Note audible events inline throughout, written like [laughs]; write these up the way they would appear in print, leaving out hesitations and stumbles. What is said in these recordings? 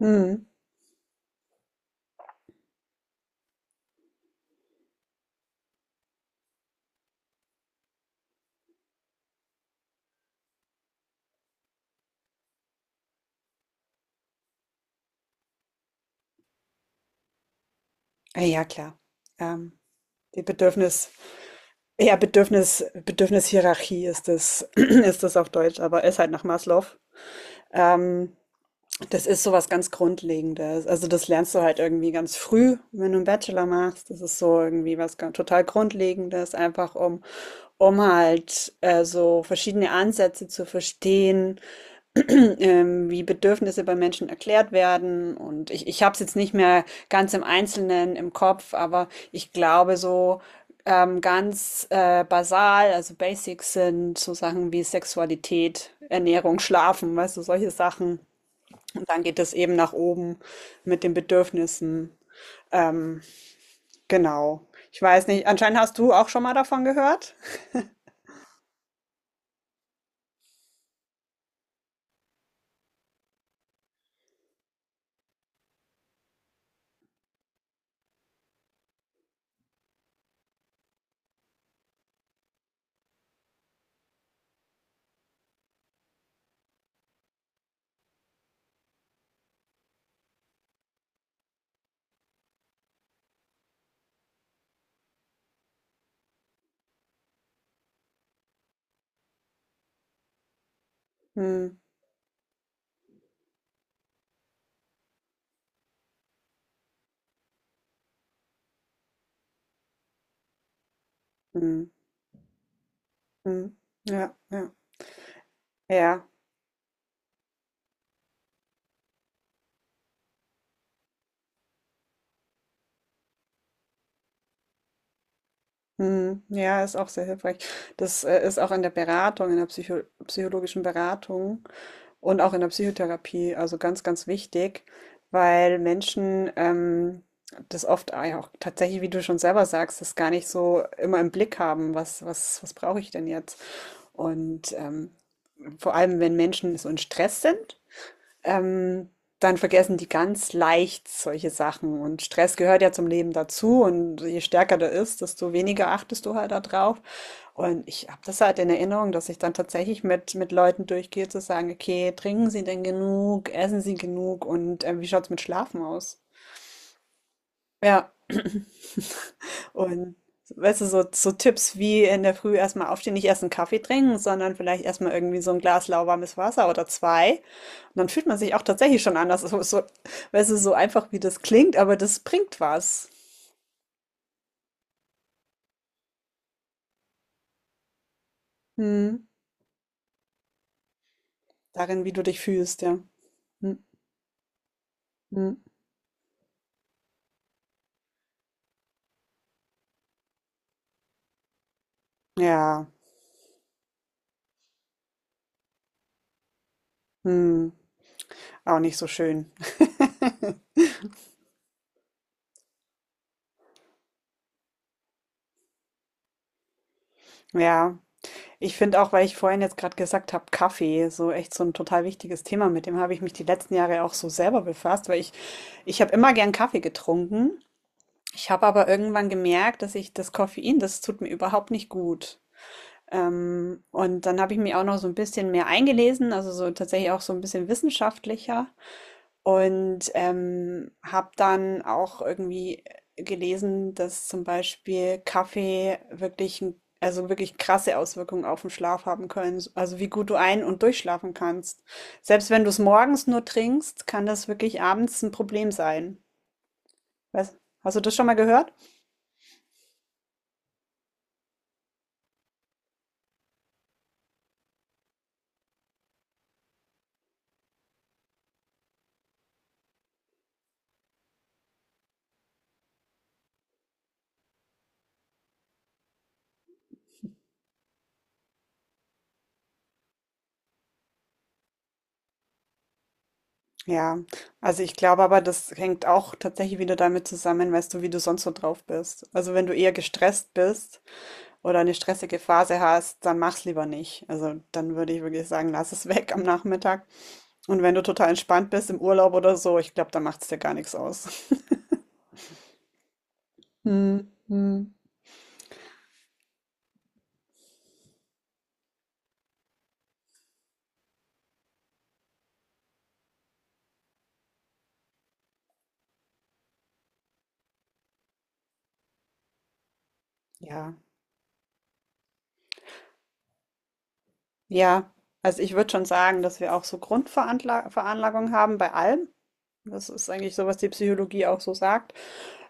Mhm. Ah ja, klar. Ähm, die Bedürfnis, ja, Bedürfnis, Bedürfnishierarchie ist das, [clears throat] ist das auf Deutsch, aber ist halt nach Maslow. Ähm, das ist so was ganz Grundlegendes. Also das lernst du halt irgendwie ganz früh, wenn du einen Bachelor machst. Das ist so irgendwie was ganz, total Grundlegendes, einfach um halt so verschiedene Ansätze zu verstehen. [clears throat] Ähm, wie Bedürfnisse bei Menschen erklärt werden. Und ich habe es jetzt nicht mehr ganz im Einzelnen im Kopf, aber ich glaube so ganz basal, also Basics sind so Sachen wie Sexualität, Ernährung, Schlafen, weißt du, solche Sachen. Und dann geht es eben nach oben mit den Bedürfnissen. Ähm, genau. Ich weiß nicht, anscheinend hast du auch schon mal davon gehört. Hm, hm, hm. Ja, ja. Ja, mhm. Ja, ist auch sehr hilfreich. Das, ist auch in der Beratung, in der psychologischen Beratung und auch in der Psychotherapie, also ganz, ganz wichtig, weil Menschen das oft ah ja, auch tatsächlich, wie du schon selber sagst, das gar nicht so immer im Blick haben, was brauche ich denn jetzt? Und vor allem, wenn Menschen so in Stress sind, ähm, dann vergessen die ganz leicht solche Sachen. Und Stress gehört ja zum Leben dazu. Und je stärker der ist, desto weniger achtest du halt darauf. Und ich habe das halt in Erinnerung, dass ich dann tatsächlich mit Leuten durchgehe, zu sagen, okay, trinken Sie denn genug, essen Sie genug und wie schaut's mit Schlafen aus? Ja, und weißt du, so, so Tipps wie in der Früh erstmal aufstehen, nicht erst einen Kaffee trinken, sondern vielleicht erstmal irgendwie so ein Glas lauwarmes Wasser oder zwei. Und dann fühlt man sich auch tatsächlich schon anders. So, so, weißt du, so einfach wie das klingt, aber das bringt was. Hm. Darin, wie du dich fühlst, ja. Hm. Hm. Ja. Hm. Auch nicht so schön. Ja. Ich finde auch, weil ich vorhin jetzt gerade gesagt habe, Kaffee, so echt so ein total wichtiges Thema, mit dem habe ich mich die letzten Jahre auch so selber befasst, weil ich habe immer gern Kaffee getrunken. Ich habe aber irgendwann gemerkt, dass ich das Koffein, das tut mir überhaupt nicht gut. Und dann habe ich mich auch noch so ein bisschen mehr eingelesen, also so tatsächlich auch so ein bisschen wissenschaftlicher. Und habe dann auch irgendwie gelesen, dass zum Beispiel Kaffee wirklich 'n also, wirklich krasse Auswirkungen auf den Schlaf haben können, also, wie gut du ein und durchschlafen kannst. Selbst wenn du es morgens nur trinkst, kann das wirklich abends ein Problem sein. Weiß hast du das schon mal gehört? Ja, also, ich glaube aber, das hängt auch tatsächlich wieder damit zusammen, weißt du, wie du sonst so drauf bist. Also, wenn du eher gestresst bist oder eine stressige Phase hast, dann mach's lieber nicht. Also dann würde ich wirklich sagen, lass es weg am Nachmittag. Und wenn du total entspannt bist im Urlaub oder so, ich glaube, dann macht's dir gar nichts aus. [laughs] Hm, hm. Ja, ja. Also ich würde schon sagen, dass wir auch so Grundveranlagung haben bei allem. Das ist eigentlich so, was die Psychologie auch so sagt.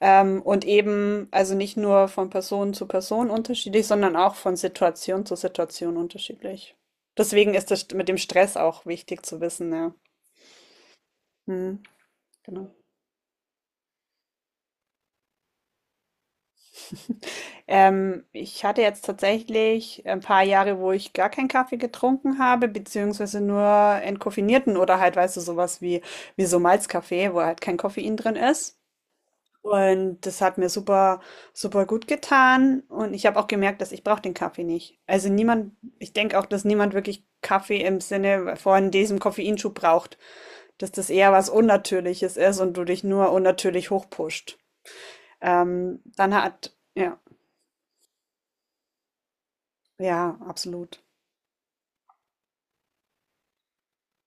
Und eben, also nicht nur von Person zu Person unterschiedlich, sondern auch von Situation zu Situation unterschiedlich. Deswegen ist das mit dem Stress auch wichtig zu wissen, ja. Mhm, genau. Ich hatte jetzt tatsächlich ein paar Jahre, wo ich gar keinen Kaffee getrunken habe, beziehungsweise nur entkoffinierten oder halt, weißt du, sowas wie, wie so Malzkaffee, wo halt kein Koffein drin ist. Und das hat mir super, super gut getan. Und ich habe auch gemerkt, dass ich brauche den Kaffee nicht. Also niemand, ich denke auch, dass niemand wirklich Kaffee im Sinne von diesem Koffeinschub braucht. Dass das eher was Unnatürliches ist und du dich nur unnatürlich hochpusht. Ja. Ja, absolut.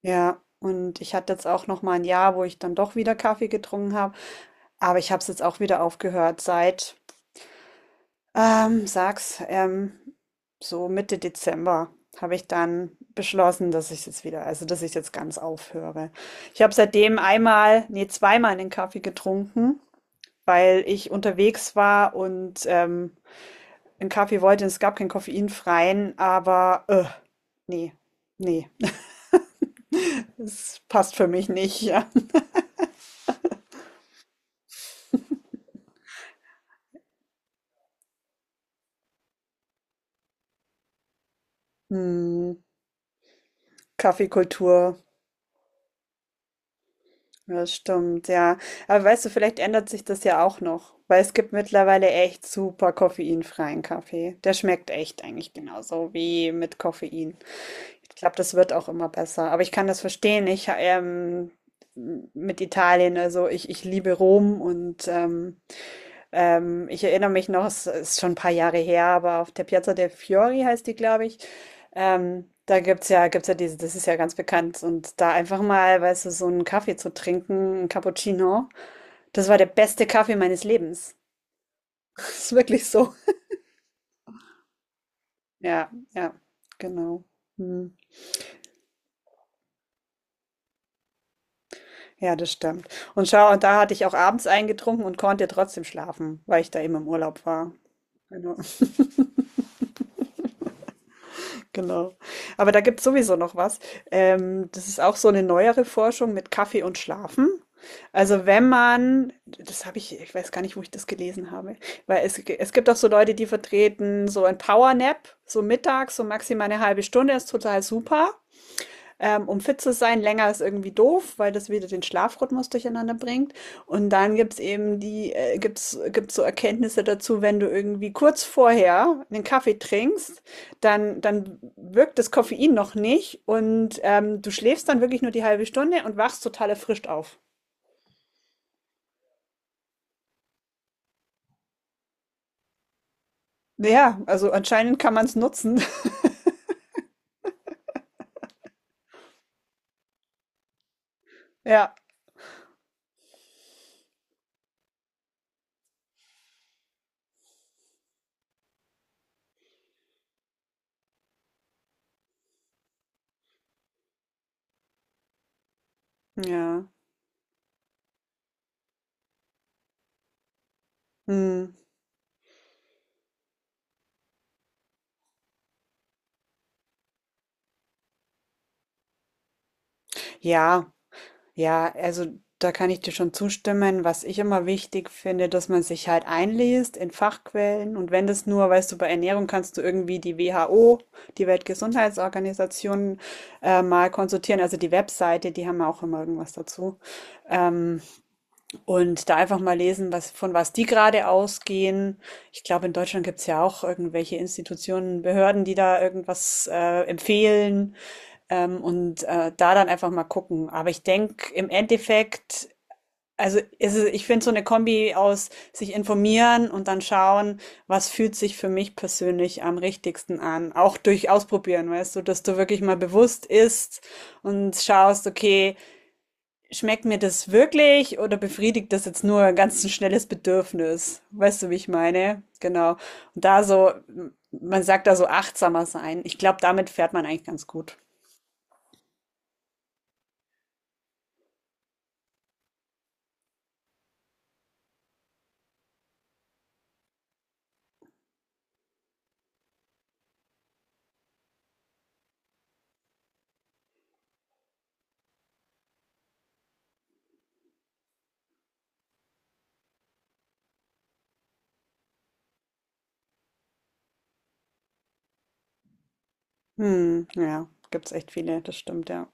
Ja, und ich hatte jetzt auch noch mal ein Jahr, wo ich dann doch wieder Kaffee getrunken habe, aber ich habe es jetzt auch wieder aufgehört seit, ähm, sag's, ähm, so Mitte Dezember habe ich dann beschlossen, dass ich jetzt wieder also, dass ich jetzt ganz aufhöre. Ich habe seitdem einmal nee, zweimal den Kaffee getrunken, weil ich unterwegs war und, 'n Kaffee wollte es gab keinen koffeinfreien, aber, ne, nee, ne, es passt für mich nicht, [laughs] ja. Hm, Kaffeekultur, ja, das stimmt, ja. Aber weißt du, vielleicht ändert sich das ja auch noch, weil es gibt mittlerweile echt super koffeinfreien Kaffee. Der schmeckt echt eigentlich genauso wie mit Koffein. Ich glaube, das wird auch immer besser. Aber ich kann das verstehen. Ich mit Italien, also ich liebe Rom und ähm, ich erinnere mich noch, es ist schon ein paar Jahre her, aber auf der Piazza del Fiori heißt die, glaube ich. Da gibt's ja diese, das ist ja ganz bekannt. Und da einfach mal, weißt du, so einen Kaffee zu trinken, ein Cappuccino, das war der beste Kaffee meines Lebens. [laughs] Das ist wirklich so. Ja, ja, genau. Hm. Ja, das stimmt. Und schau, und da hatte ich auch abends eingetrunken und konnte trotzdem schlafen, weil ich da eben im Urlaub war. Genau. [laughs] Genau. Aber da gibt's sowieso noch was. Das ist auch so eine neuere Forschung mit Kaffee und Schlafen. Also, wenn man das habe ich weiß gar nicht, wo ich das gelesen habe, weil es gibt auch so Leute, die vertreten so ein Powernap, so mittags, so maximal eine halbe Stunde ist total super. Um fit zu sein, länger ist irgendwie doof, weil das wieder den Schlafrhythmus durcheinander bringt. Und dann gibt's eben gibt's so Erkenntnisse dazu, wenn du irgendwie kurz vorher einen Kaffee trinkst, dann wirkt das Koffein noch nicht und du schläfst dann wirklich nur die halbe Stunde und wachst total erfrischt auf. Ja, also anscheinend kann man es nutzen. [laughs] Ja, ja. Hm. Ja, ja, also da kann ich dir schon zustimmen. Was ich immer wichtig finde, dass man sich halt einliest in Fachquellen und wenn das nur, weißt du, bei Ernährung kannst du irgendwie die WHO, die Weltgesundheitsorganisation, mal konsultieren. Also die Webseite, die haben ja auch immer irgendwas dazu. Ähm, und da einfach mal lesen, was, von was die gerade ausgehen. Ich glaube, in Deutschland gibt's ja auch irgendwelche Institutionen, Behörden, die da irgendwas empfehlen. Und da dann einfach mal gucken. Aber ich denke, im Endeffekt, also ist es, ich finde so eine Kombi aus sich informieren und dann schauen, was fühlt sich für mich persönlich am richtigsten an. Auch durch Ausprobieren, weißt du, dass du wirklich mal bewusst isst und schaust, okay, schmeckt mir das wirklich oder befriedigt das jetzt nur ein ganz schnelles Bedürfnis? Weißt du, wie ich meine? Genau. Und da so, man sagt da so achtsamer sein. Ich glaube, damit fährt man eigentlich ganz gut. Mhm, ja, gibt's echt viele, das stimmt, ja.